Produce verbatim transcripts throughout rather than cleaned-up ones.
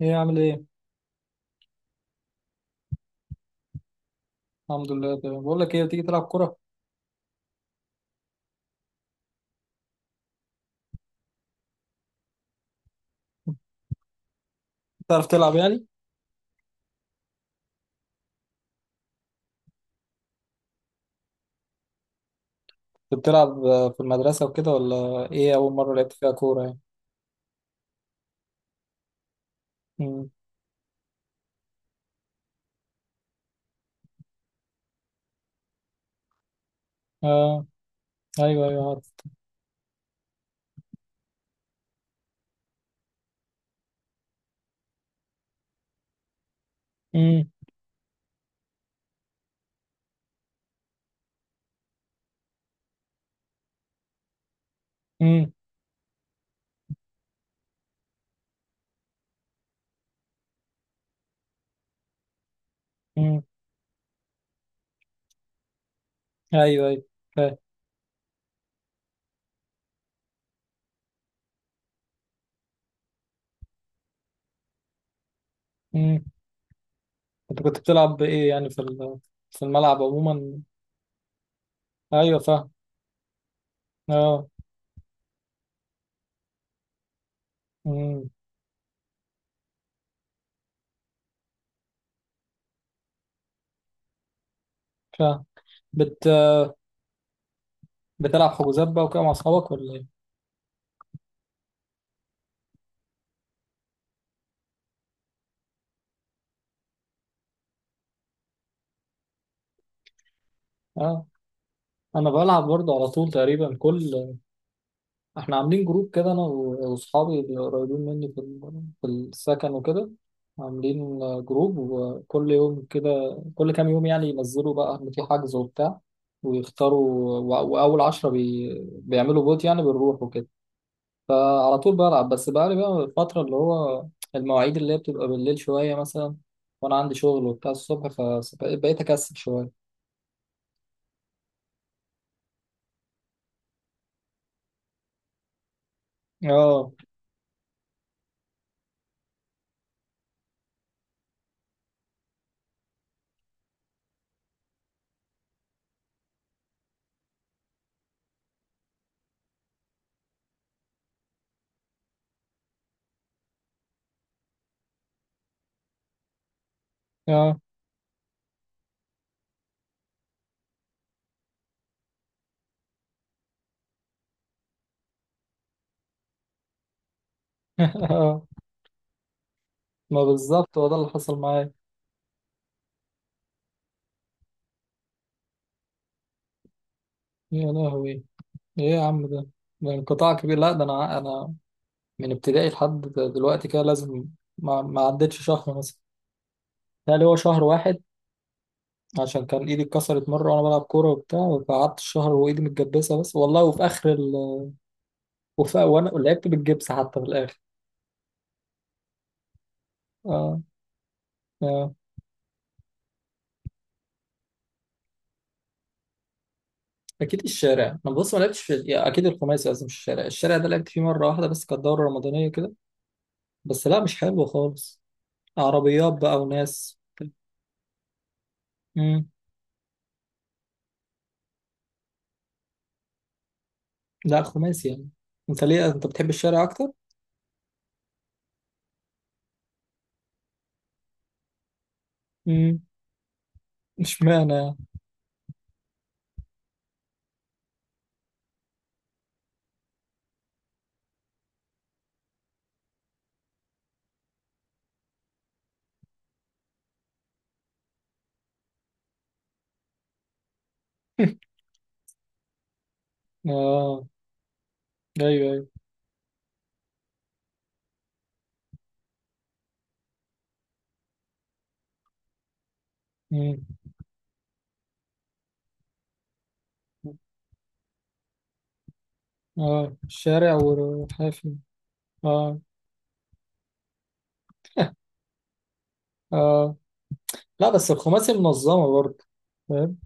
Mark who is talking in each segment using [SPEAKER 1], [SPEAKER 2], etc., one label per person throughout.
[SPEAKER 1] ايه عامل ايه؟ الحمد لله تمام، بقول لك ايه، تيجي تلعب كورة؟ تعرف تلعب يعني؟ كنت بتلعب آه، في المدرسة وكده، ولا ايه أول مرة لعبت فيها كورة يعني؟ امم. اه. ايوه، ايوه عارف. امم. امم. امم. ايوه، ايوه فاهم. امم. انت كنت بتلعب ايه يعني في ال- في الملعب عموما؟ ايوه فاهم. اه. امم. فاهم. بت بتلعب حجوزات بقى وكده مع اصحابك، ولا ايه؟ اه، انا بلعب برضه على طول تقريبا كل... احنا عاملين جروب كده، انا و- واصحابي اللي قريبين مني في ال- في السكن وكده. عاملين جروب، وكل يوم كده، كل كام يوم يعني ينزلوا بقى ان في حجز وبتاع، ويختاروا، و- واول عشرة بي بيعملوا فوت، يعني بنروح وكده. فعلى طول بلعب، بس بقالي بقى الفترة اللي هو... المواعيد اللي هي بتبقى بالليل شوية مثلا، وانا عندي شغل وبتاع الصبح، فبقيت اكسل شوية. اه. اه. اه، ما بالظبط هو ده اللي حصل معايا. يا لهوي، ايه يا عم ده، ده انقطاع كبير. لا ده انا انا من ابتدائي لحد دلوقتي كده لازم... ما ما عدتش شهر مثلا، يعني هو شهر واحد. عشان كان ايدي اتكسرت مره وانا بلعب كوره وبتاع، فقعدت الشهر وايدي متجبسه، بس والله، وفي اخر ال... وفي وانا لعبت بالجبس حتى في الاخر. اه. اه، اكيد الشارع. انا بص، ما لعبتش في... يا اكيد الخماسي لازم، مش الشارع. الشارع ده لعبت فيه مره واحده بس، كانت دوره رمضانيه كده، بس لا مش حلو خالص. عربيات بقى وناس. امم. لا، خماسي يعني. انت ليه انت بتحب الشارع اكتر؟ مم. اشمعنى يعني؟ اه. ايوه، ايوه. مم. اه، الشارع والحافي. اه. اه، لا بس الخماسي منظمة برضه. فاهم.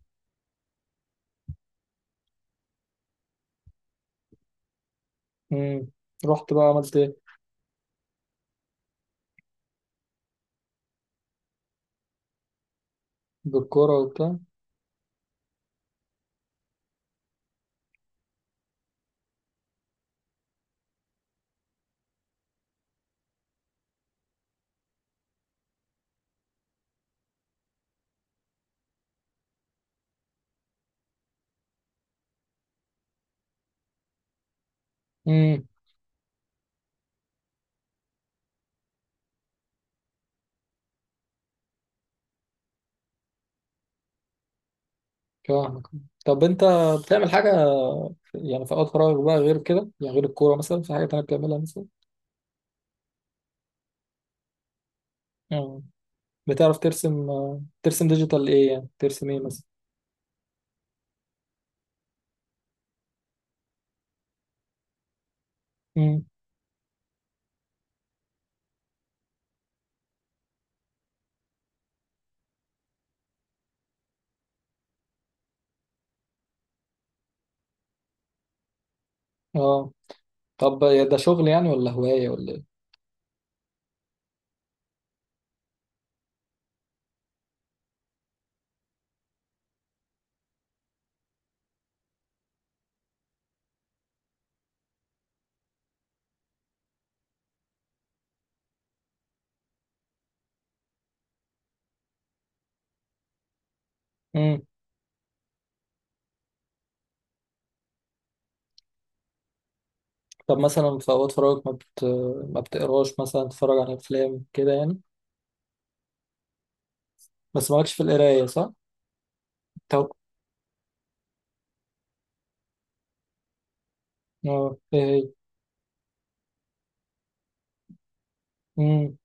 [SPEAKER 1] مم. رحت بقى عملت ايه؟ بالكورة وبتاع. امم. فاهمك. طب انت بتعمل حاجة في- يعني في اوقات فراغك بقى غير كده، يعني غير الكورة مثلا في حاجة تانية بتعملها مثلا؟ اه، بتعرف ترسم آه، ترسم ديجيتال؟ ايه يعني ترسم ايه مثلا؟ امم. اه. طب ده شغل يعني، ولا هواية ولا ايه؟ طب مثلا في اوقات فراغك ما بت... ما بتقراش مثلا، تتفرج على افلام كده يعني؟ بس مالكش في القرايه، صح؟ طب اه، ايه هي؟ امم.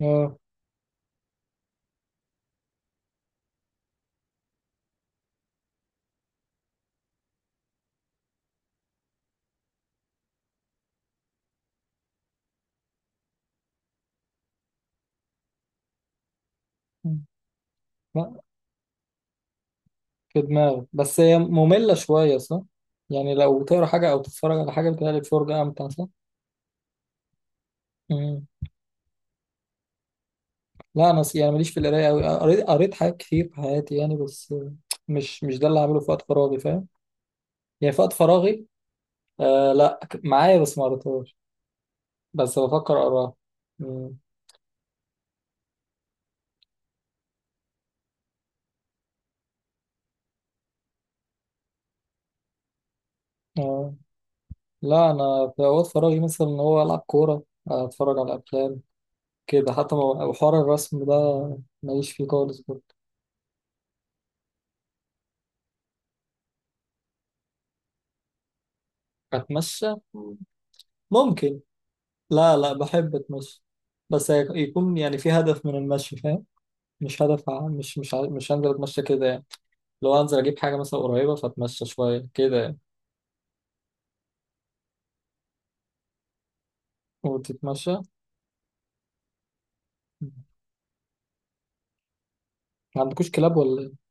[SPEAKER 1] اه. مم. لا، في دماغك بس، هي ممله شويه صح؟ يعني لو تقرا حاجه او تتفرج على حاجه، بتبقى فرجه امتع صح؟ امم. لا انا س- يعني ماليش في القرايه قوي، قريت قريت حاجات كتير في حياتي يعني، بس مش مش ده اللي هعمله في وقت فراغي، فاهم؟ يعني في وقت فراغي. آه لا، ك- معايا بس ما قريتهاش، بس بفكر اقراها. امم. اه. لا انا في اوقات فراغي مثلا ان هو العب كوره، اتفرج على افلام كده حتى، ما- وحوار الرسم ده ماليش فيه خالص برضه. اتمشى، ممكن. لا لا بحب اتمشى، بس هيك- يكون يعني في هدف من المشي، فاهم؟ مش هدف ع- مش مش ع- مش هنزل اتمشى كده يعني. لو هنزل اجيب حاجه مثلا قريبه، فاتمشى شويه كده يعني. وتتمشى. ما عندكوش كلاب ولا ايه؟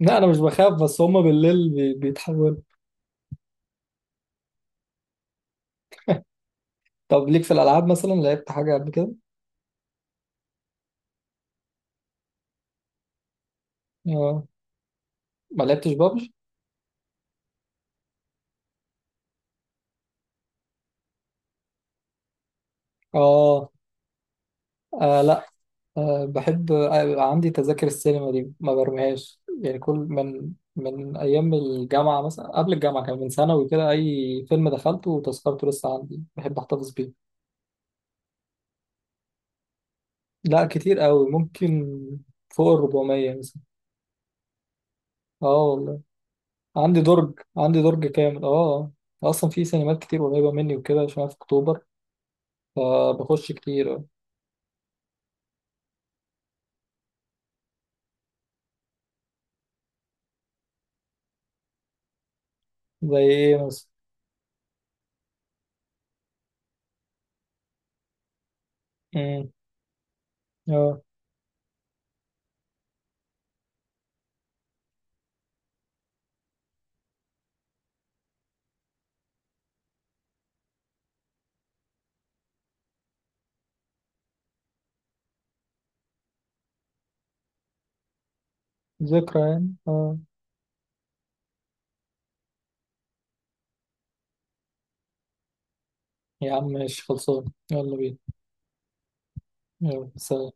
[SPEAKER 1] لا انا مش بخاف، بس هما بالليل بي- بيتحولوا. طب ليك في الالعاب مثلا، لعبت حاجه قبل كده؟ اه. ما لعبتش بابجي. اه. آه لا، آه بحب. آه يبقى عندي تذاكر السينما دي ما برميهاش يعني، كل من من أيام الجامعة مثلا، قبل الجامعة كان من ثانوي كده، أي فيلم دخلته وتذكرته لسه عندي، بحب أحتفظ بيه. لا كتير أوي، ممكن فوق الربعمية مثلا. اه والله. عندي درج، عندي درج كامل، اه. آه. أصلا في سينمات كتير قريبة مني وكده عشان أنا في أكتوبر، فبخش كتير آه. زي إيه مثلا؟ مم، اه، ذكرى يعني، اه. يا عم ماشي خلصان، يلا بينا. يلا سلام.